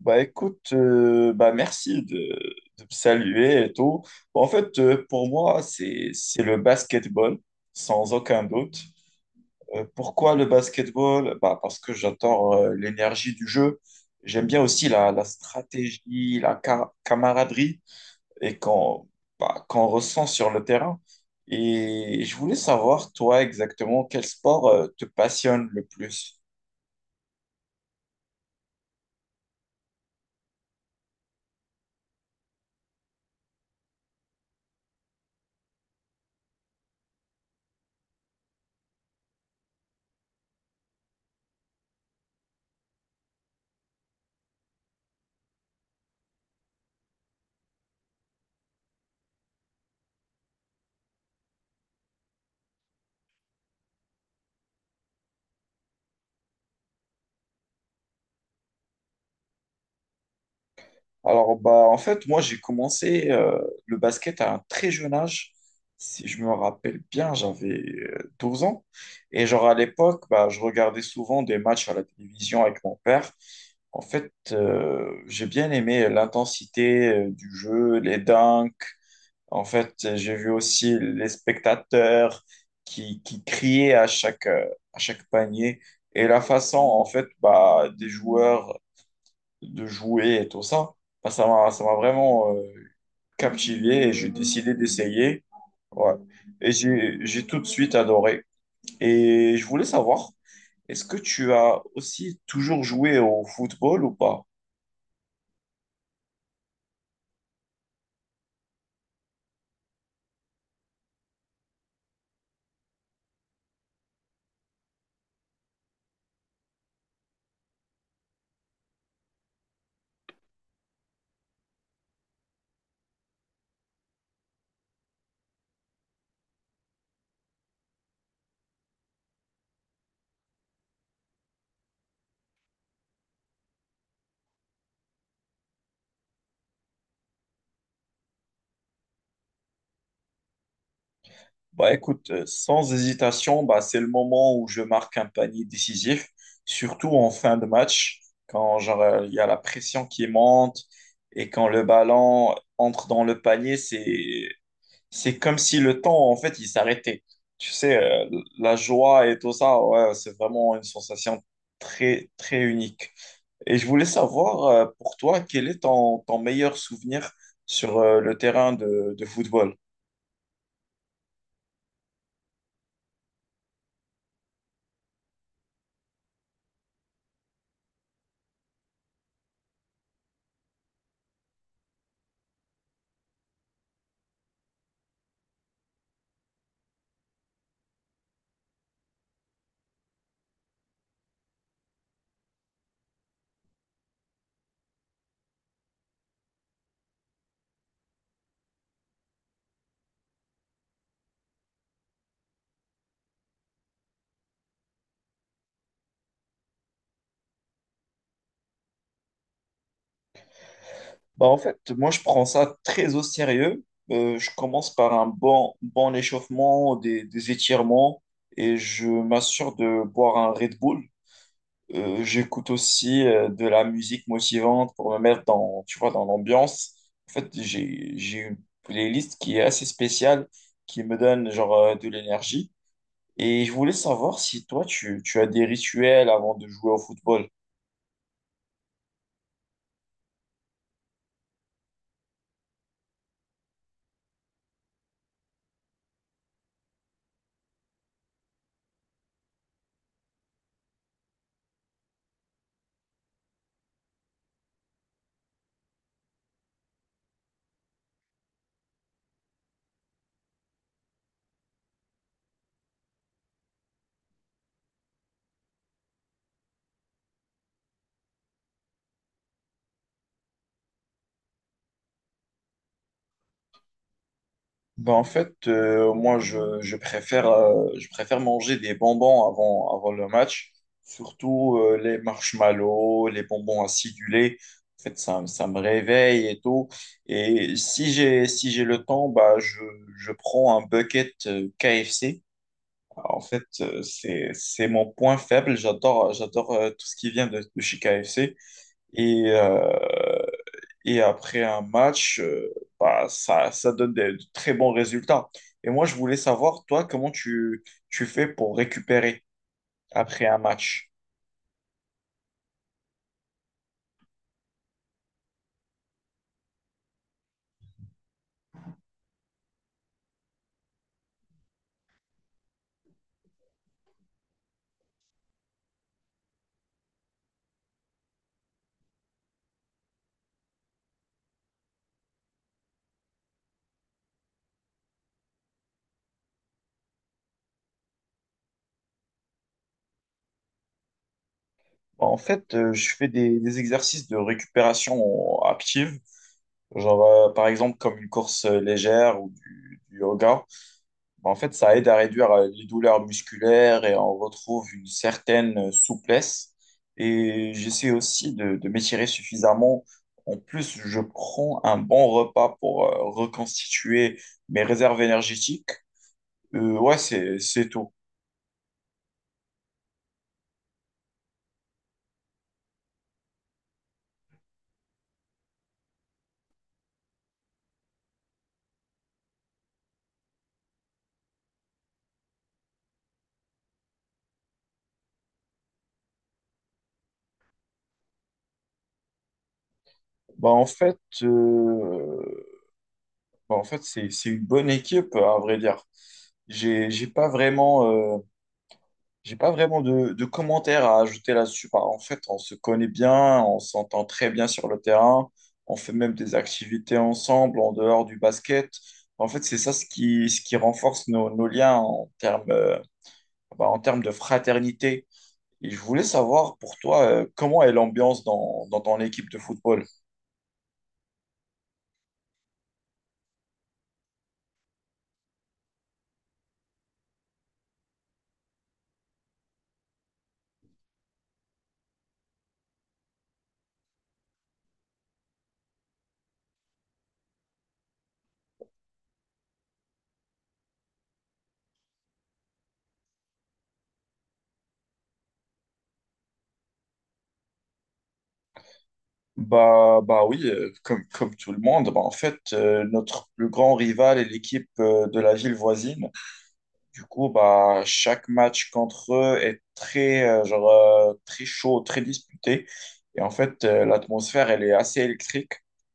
Bah écoute, bah merci de me saluer et tout. Bon, pour moi, c'est le basketball, sans aucun doute. Pourquoi le basketball? Bah parce que j'adore l'énergie du jeu. J'aime bien aussi la stratégie, camaraderie et qu'on ressent sur le terrain. Et je voulais savoir, toi, exactement, quel sport te passionne le plus? Alors, bah, en fait, moi, j'ai commencé le basket à un très jeune âge. Si je me rappelle bien, j'avais 12 ans. Et genre, à l'époque, bah, je regardais souvent des matchs à la télévision avec mon père. En fait, j'ai bien aimé l'intensité du jeu, les dunks. En fait, j'ai vu aussi les spectateurs qui criaient à chaque panier et la façon, en fait, bah, des joueurs de jouer et tout ça. Bah, ça m'a vraiment captivé et j'ai décidé d'essayer. Ouais. Et j'ai tout de suite adoré. Et je voulais savoir, est-ce que tu as aussi toujours joué au football ou pas? Bah écoute, sans hésitation, bah, c'est le moment où je marque un panier décisif, surtout en fin de match, quand il y a la pression qui monte et quand le ballon entre dans le panier, c'est comme si le temps, en fait, il s'arrêtait. Tu sais, la joie et tout ça, ouais, c'est vraiment une sensation très, très unique. Et je voulais savoir, pour toi, quel est ton meilleur souvenir sur le terrain de football? Bah, en fait, moi, je prends ça très au sérieux. Je commence par un bon échauffement, des étirements, et je m'assure de boire un Red Bull. J'écoute aussi de la musique motivante pour me mettre dans, tu vois, dans l'ambiance. En fait, j'ai une playlist qui est assez spéciale, qui me donne de l'énergie. Et je voulais savoir si toi, tu as des rituels avant de jouer au football. Ben, en fait, moi, je préfère manger des bonbons avant le match, surtout les marshmallows, les bonbons acidulés. En fait, ça me réveille et tout. Et si j'ai le temps, bah, je prends un bucket KFC. En fait, c'est mon point faible. J'adore tout ce qui vient de chez KFC. Et, euh, et après un match, ça donne de très bons résultats. Et moi, je voulais savoir, toi, comment tu fais pour récupérer après un match? Bah, en fait, je fais des exercices de récupération active, genre par exemple comme une course légère ou du yoga. Bah, en fait, ça aide à réduire les douleurs musculaires et on retrouve une certaine souplesse. Et j'essaie aussi de m'étirer suffisamment. En plus, je prends un bon repas pour reconstituer mes réserves énergétiques. Ouais, c'est tout. Bah, en fait, euh, En fait c'est une bonne équipe, à vrai dire. J'ai, j'ai pas vraiment euh, J'ai pas vraiment de commentaires à ajouter là-dessus. Bah, en fait, on se connaît bien, on s'entend très bien sur le terrain, on fait même des activités ensemble en dehors du basket. En fait, c'est ça ce qui renforce nos liens en en termes de fraternité. Et je voulais savoir pour toi, comment est l'ambiance dans ton équipe de football? Bah oui, comme tout le monde, bah, en fait, notre plus grand rival est l'équipe de la ville voisine. Du coup, bah, chaque match contre eux est très chaud, très disputé. Et en fait, l'atmosphère, elle est assez électrique.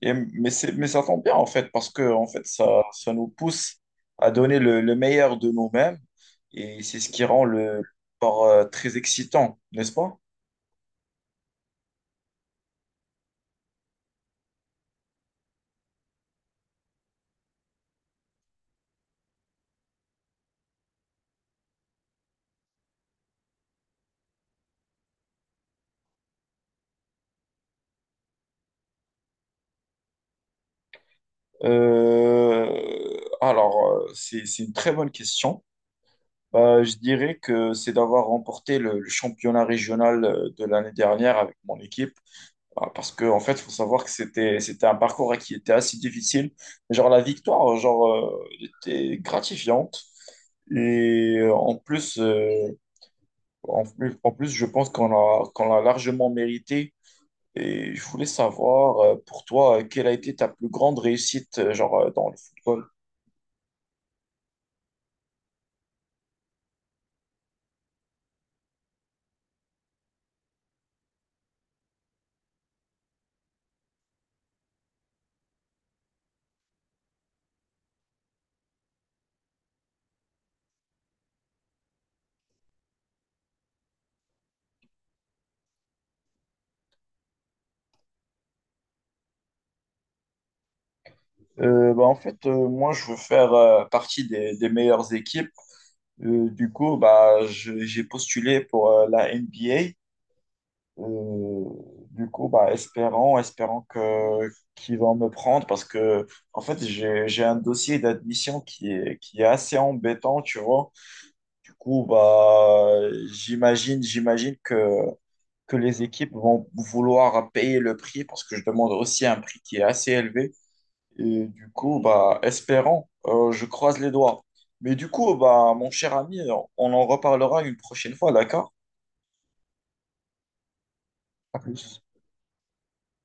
Mais ça tombe bien, en fait, parce que en fait, ça nous pousse à donner le meilleur de nous-mêmes. Et c'est ce qui rend le sport très excitant, n'est-ce pas? Euh, alors, c'est une très bonne question. Bah, je dirais que c'est d'avoir remporté le championnat régional de l'année dernière avec mon équipe. Parce que, en fait, faut savoir que c'était un parcours hein, qui était assez difficile. La victoire était gratifiante. Et en plus, je pense qu'on l'a largement mérité. Et je voulais savoir, pour toi, quelle a été ta plus grande réussite, dans le football? Moi, je veux faire partie des meilleures équipes. J'ai postulé pour la NBA. Euh, du coup, bah, espérons que qu'ils vont me prendre parce que, en fait, j'ai un dossier d'admission qui est assez embêtant, tu vois. Du coup, bah, j'imagine, j'imagine que, que les équipes vont vouloir payer le prix parce que je demande aussi un prix qui est assez élevé. Et du coup, bah, je croise les doigts. Mais du coup, bah, mon cher ami, on en reparlera une prochaine fois, d'accord? À plus.